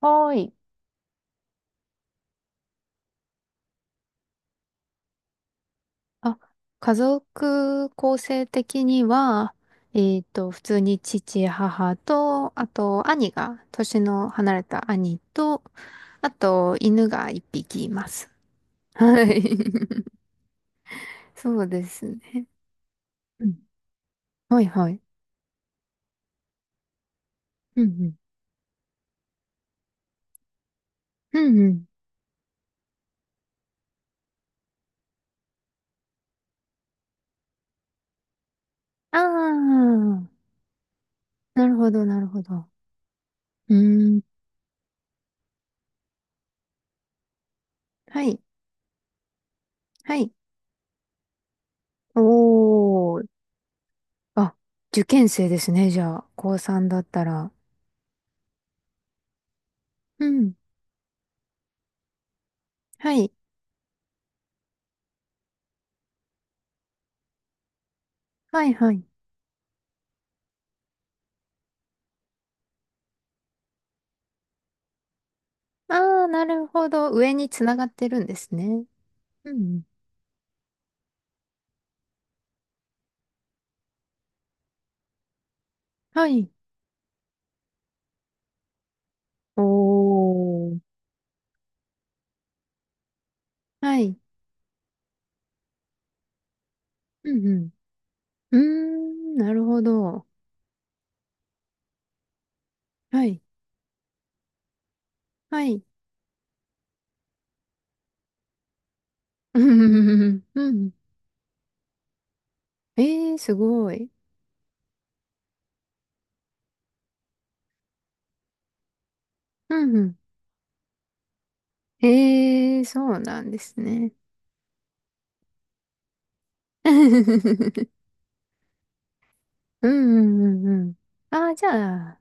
はーい。あ、家族構成的には、普通に父、母と、あと兄が、年の離れた兄と、あと犬が一匹います。はい。そうですね。うん。はいはい。うんうん。うんうん。ああ、なるほど、なるほど。うーん。はい。はい。おー。あ、受験生ですね、じゃあ。高3だったら。うん。はい。はいはい。ああ、なるほど。上につながってるんですね。うん。はい。おー。はい。うんうん。うーん、なるほど。はい。はい。うんうんうんうん。ええー、すごい。うんうん。ええー、そうなんですね。うんうんうんうん。ああ、じゃあ、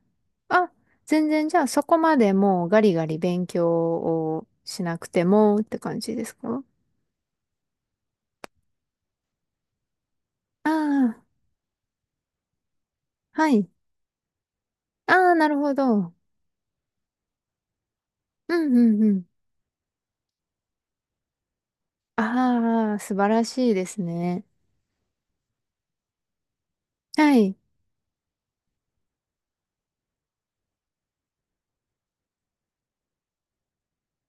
あ、全然じゃあそこまでもうガリガリ勉強をしなくてもって感じですか？ああー、はい。ああ、なるほど。うんうんうん。ああ、素晴らしいですね。はい。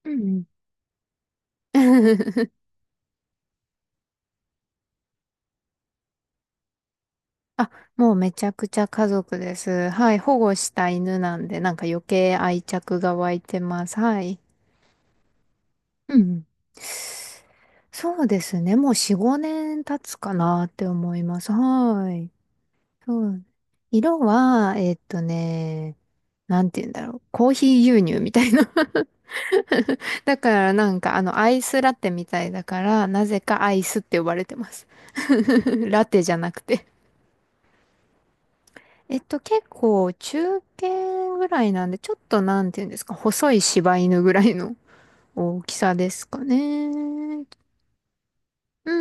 うんうん。あ、もうめちゃくちゃ家族です。はい。保護した犬なんで、なんか余計愛着が湧いてます。はい。うんうん。そうですね。もう4、5年経つかなって思います。はい。そう。色は、なんて言うんだろう。コーヒー牛乳みたいな。 だからなんかあのアイスラテみたいだから、なぜかアイスって呼ばれてます。ラテじゃなくて。結構中堅ぐらいなんで、ちょっとなんていうんですか、細い柴犬ぐらいの大きさですかね。う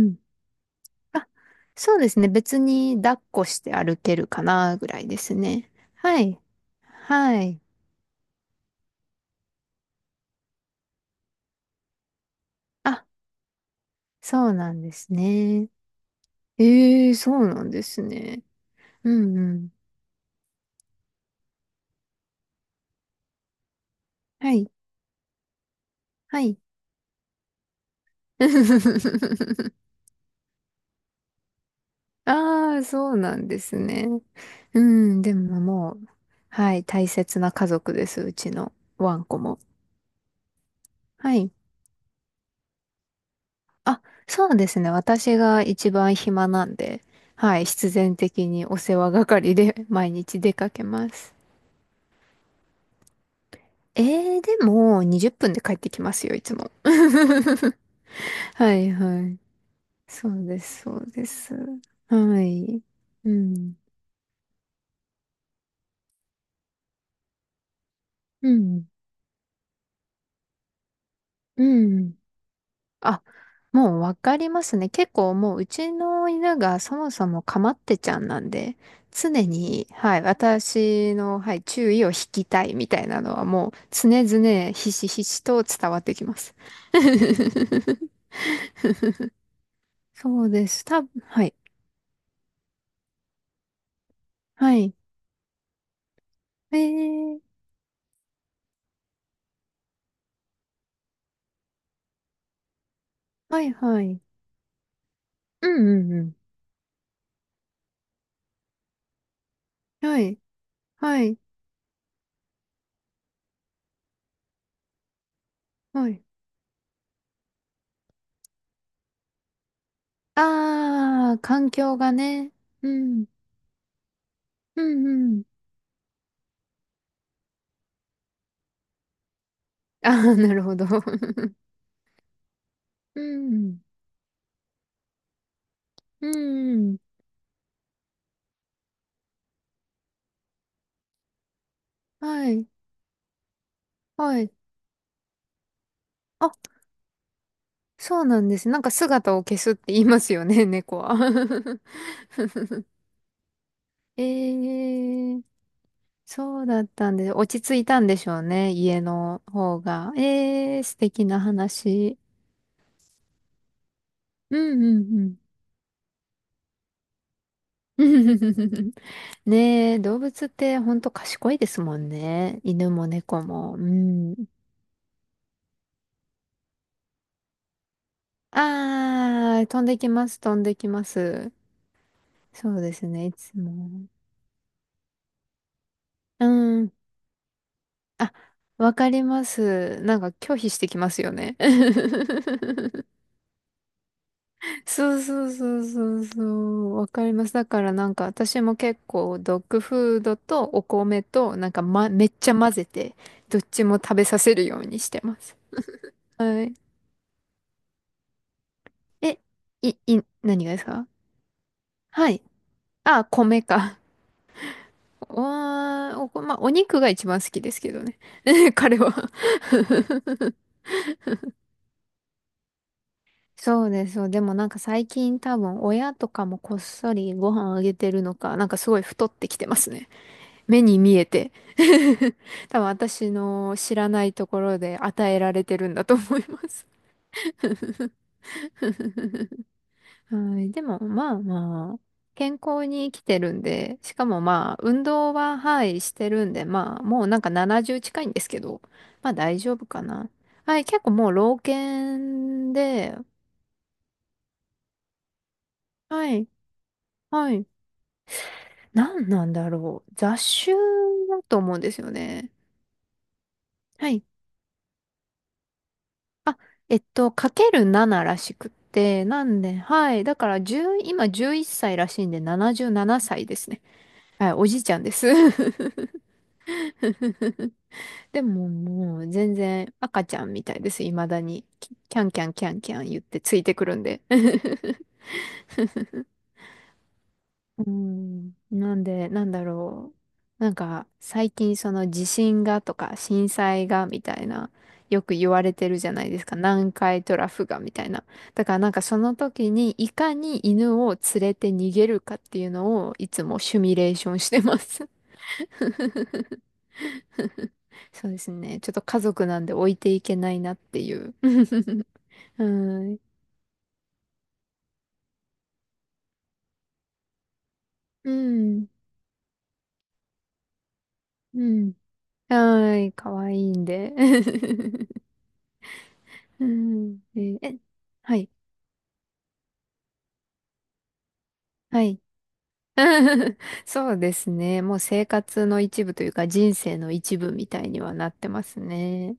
ん。あ、そうですね。別に抱っこして歩けるかなぐらいですね。はい。はい。あ、そうなんですね。ええ、そうなんですね。うんうん。はい。はい。ああ、そうなんですね。うん、でももう、はい、大切な家族です、うちのワンコも。はい。あ、そうですね。私が一番暇なんで、はい、必然的にお世話係で 毎日出かけます。えでも、20分で帰ってきますよ、いつも。はいはい。そうです、そうです。はい。うん。うん。うん。あ、もうわかりますね。結構もううちの犬がそもそもかまってちゃんなんで、常に、はい、私の、はい、注意を引きたいみたいなのはもう常々ひしひしと伝わってきます。そうです。たぶん、はい。はい。えー、はいはい。うんうんうん。はい。はい。はい。ああ、環境がね。うん。うんうん。ああ、なるほど。うん。うん。はい。はい。あ、そうなんです。なんか姿を消すって言いますよね、猫は。えー、そうだったんです。落ち着いたんでしょうね、家の方が。えー、素敵な話。うんうんうん。ねえ、動物ってほんと賢いですもんね。犬も猫も。うん。あー、飛んできます、飛んできます。そうですね、いつも。うん。あ、わかります。なんか拒否してきますよね。そうそうそうそうそう。わかります。だからなんか私も結構ドッグフードとお米となんか、ま、めっちゃ混ぜてどっちも食べさせるようにしてます。はい。え、い、い、何がですか？はい。あ、米か。おー、まあ、お肉が一番好きですけどね。彼はそうです。そう。でもなんか最近多分親とかもこっそりご飯あげてるのか、なんかすごい太ってきてますね。目に見えて。多分私の知らないところで与えられてるんだと思います。はい。でもまあまあ、健康に生きてるんで、しかもまあ運動ははい、してるんで、まあもうなんか70近いんですけど、まあ大丈夫かな。はい。結構もう老犬で、はい。はい。何なんだろう。雑種だと思うんですよね。はい。かける7らしくって、なんで、はい。だから10、今11歳らしいんで77歳ですね。はい、おじいちゃんです。でももう全然赤ちゃんみたいです。未だに。キキャンキャンキャンキャン言ってついてくるんで。うん、なんで、なんだろう。なんか、最近その地震がとか震災がみたいな、よく言われてるじゃないですか。南海トラフがみたいな。だからなんかその時にいかに犬を連れて逃げるかっていうのをいつもシミュレーションしてます。そうですね。ちょっと家族なんで置いていけないなっていう。はい。うん。うん。はい。かわいいんで。うん。え、え、はい。はい。そうですね。もう生活の一部というか人生の一部みたいにはなってますね。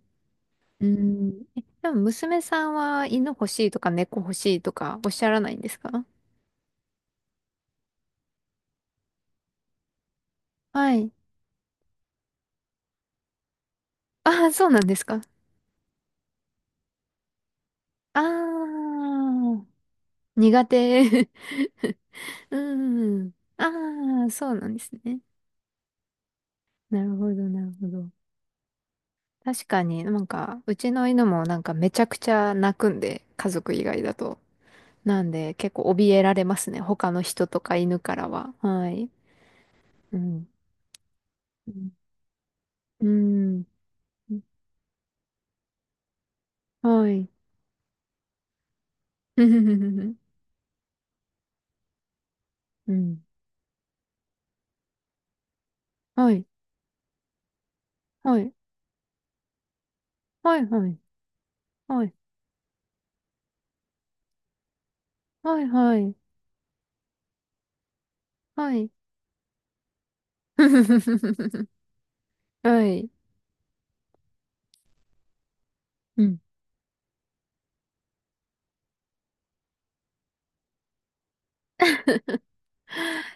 うん。え、でも娘さんは犬欲しいとか猫欲しいとかおっしゃらないんですか？はい。ああ、そうなんですか。ああ、苦手。うん。ああ、そうなんですね。なるほど、なるほど。確かになんか、うちの犬もなんかめちゃくちゃ泣くんで、家族以外だと。なんで結構怯えられますね。他の人とか犬からは。はい。うん。うん。うん。はい。うん。はい。はい。はい。はい。はい。はい。はい。はい。はい。うん。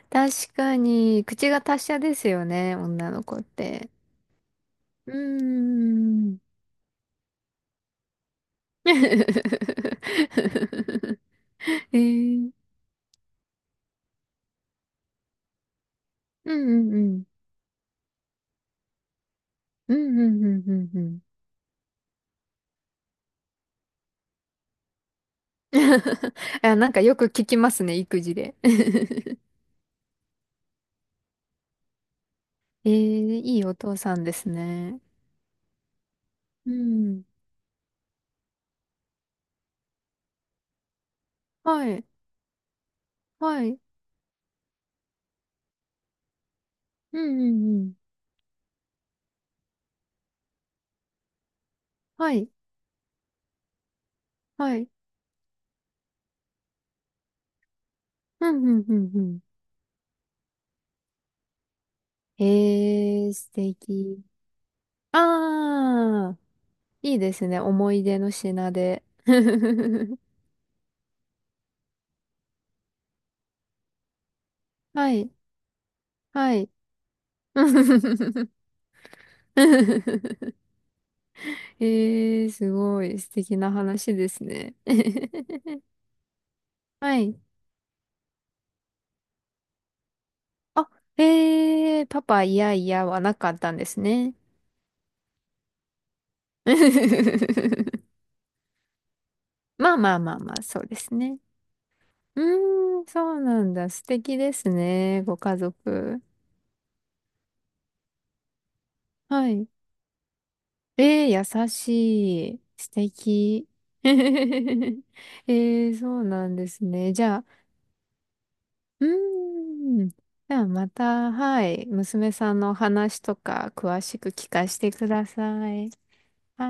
確かに、口が達者ですよね、女の子って。うーん。えー、うんうんうん。うんうんうんうんうん。あ、なんかよく聞きますね、育児で。えー、いいお父さんですね。うん。はい。はい。うんうんうん。はい。はい。うんうんうんうん。えー、素敵。あー、いいですね。思い出の品で。はい。はい。えー、すごい素敵な話ですね。はい。あ、えー、パパ、いやいやはなかったんですね。まあまあまあまあ、そうですね。うーん、そうなんだ。素敵ですね、ご家族。はい。えー、優しい。素敵。えー、そうなんですね。じゃあ、うーん。じゃあまた、はい。娘さんのお話とか詳しく聞かせてください。はい。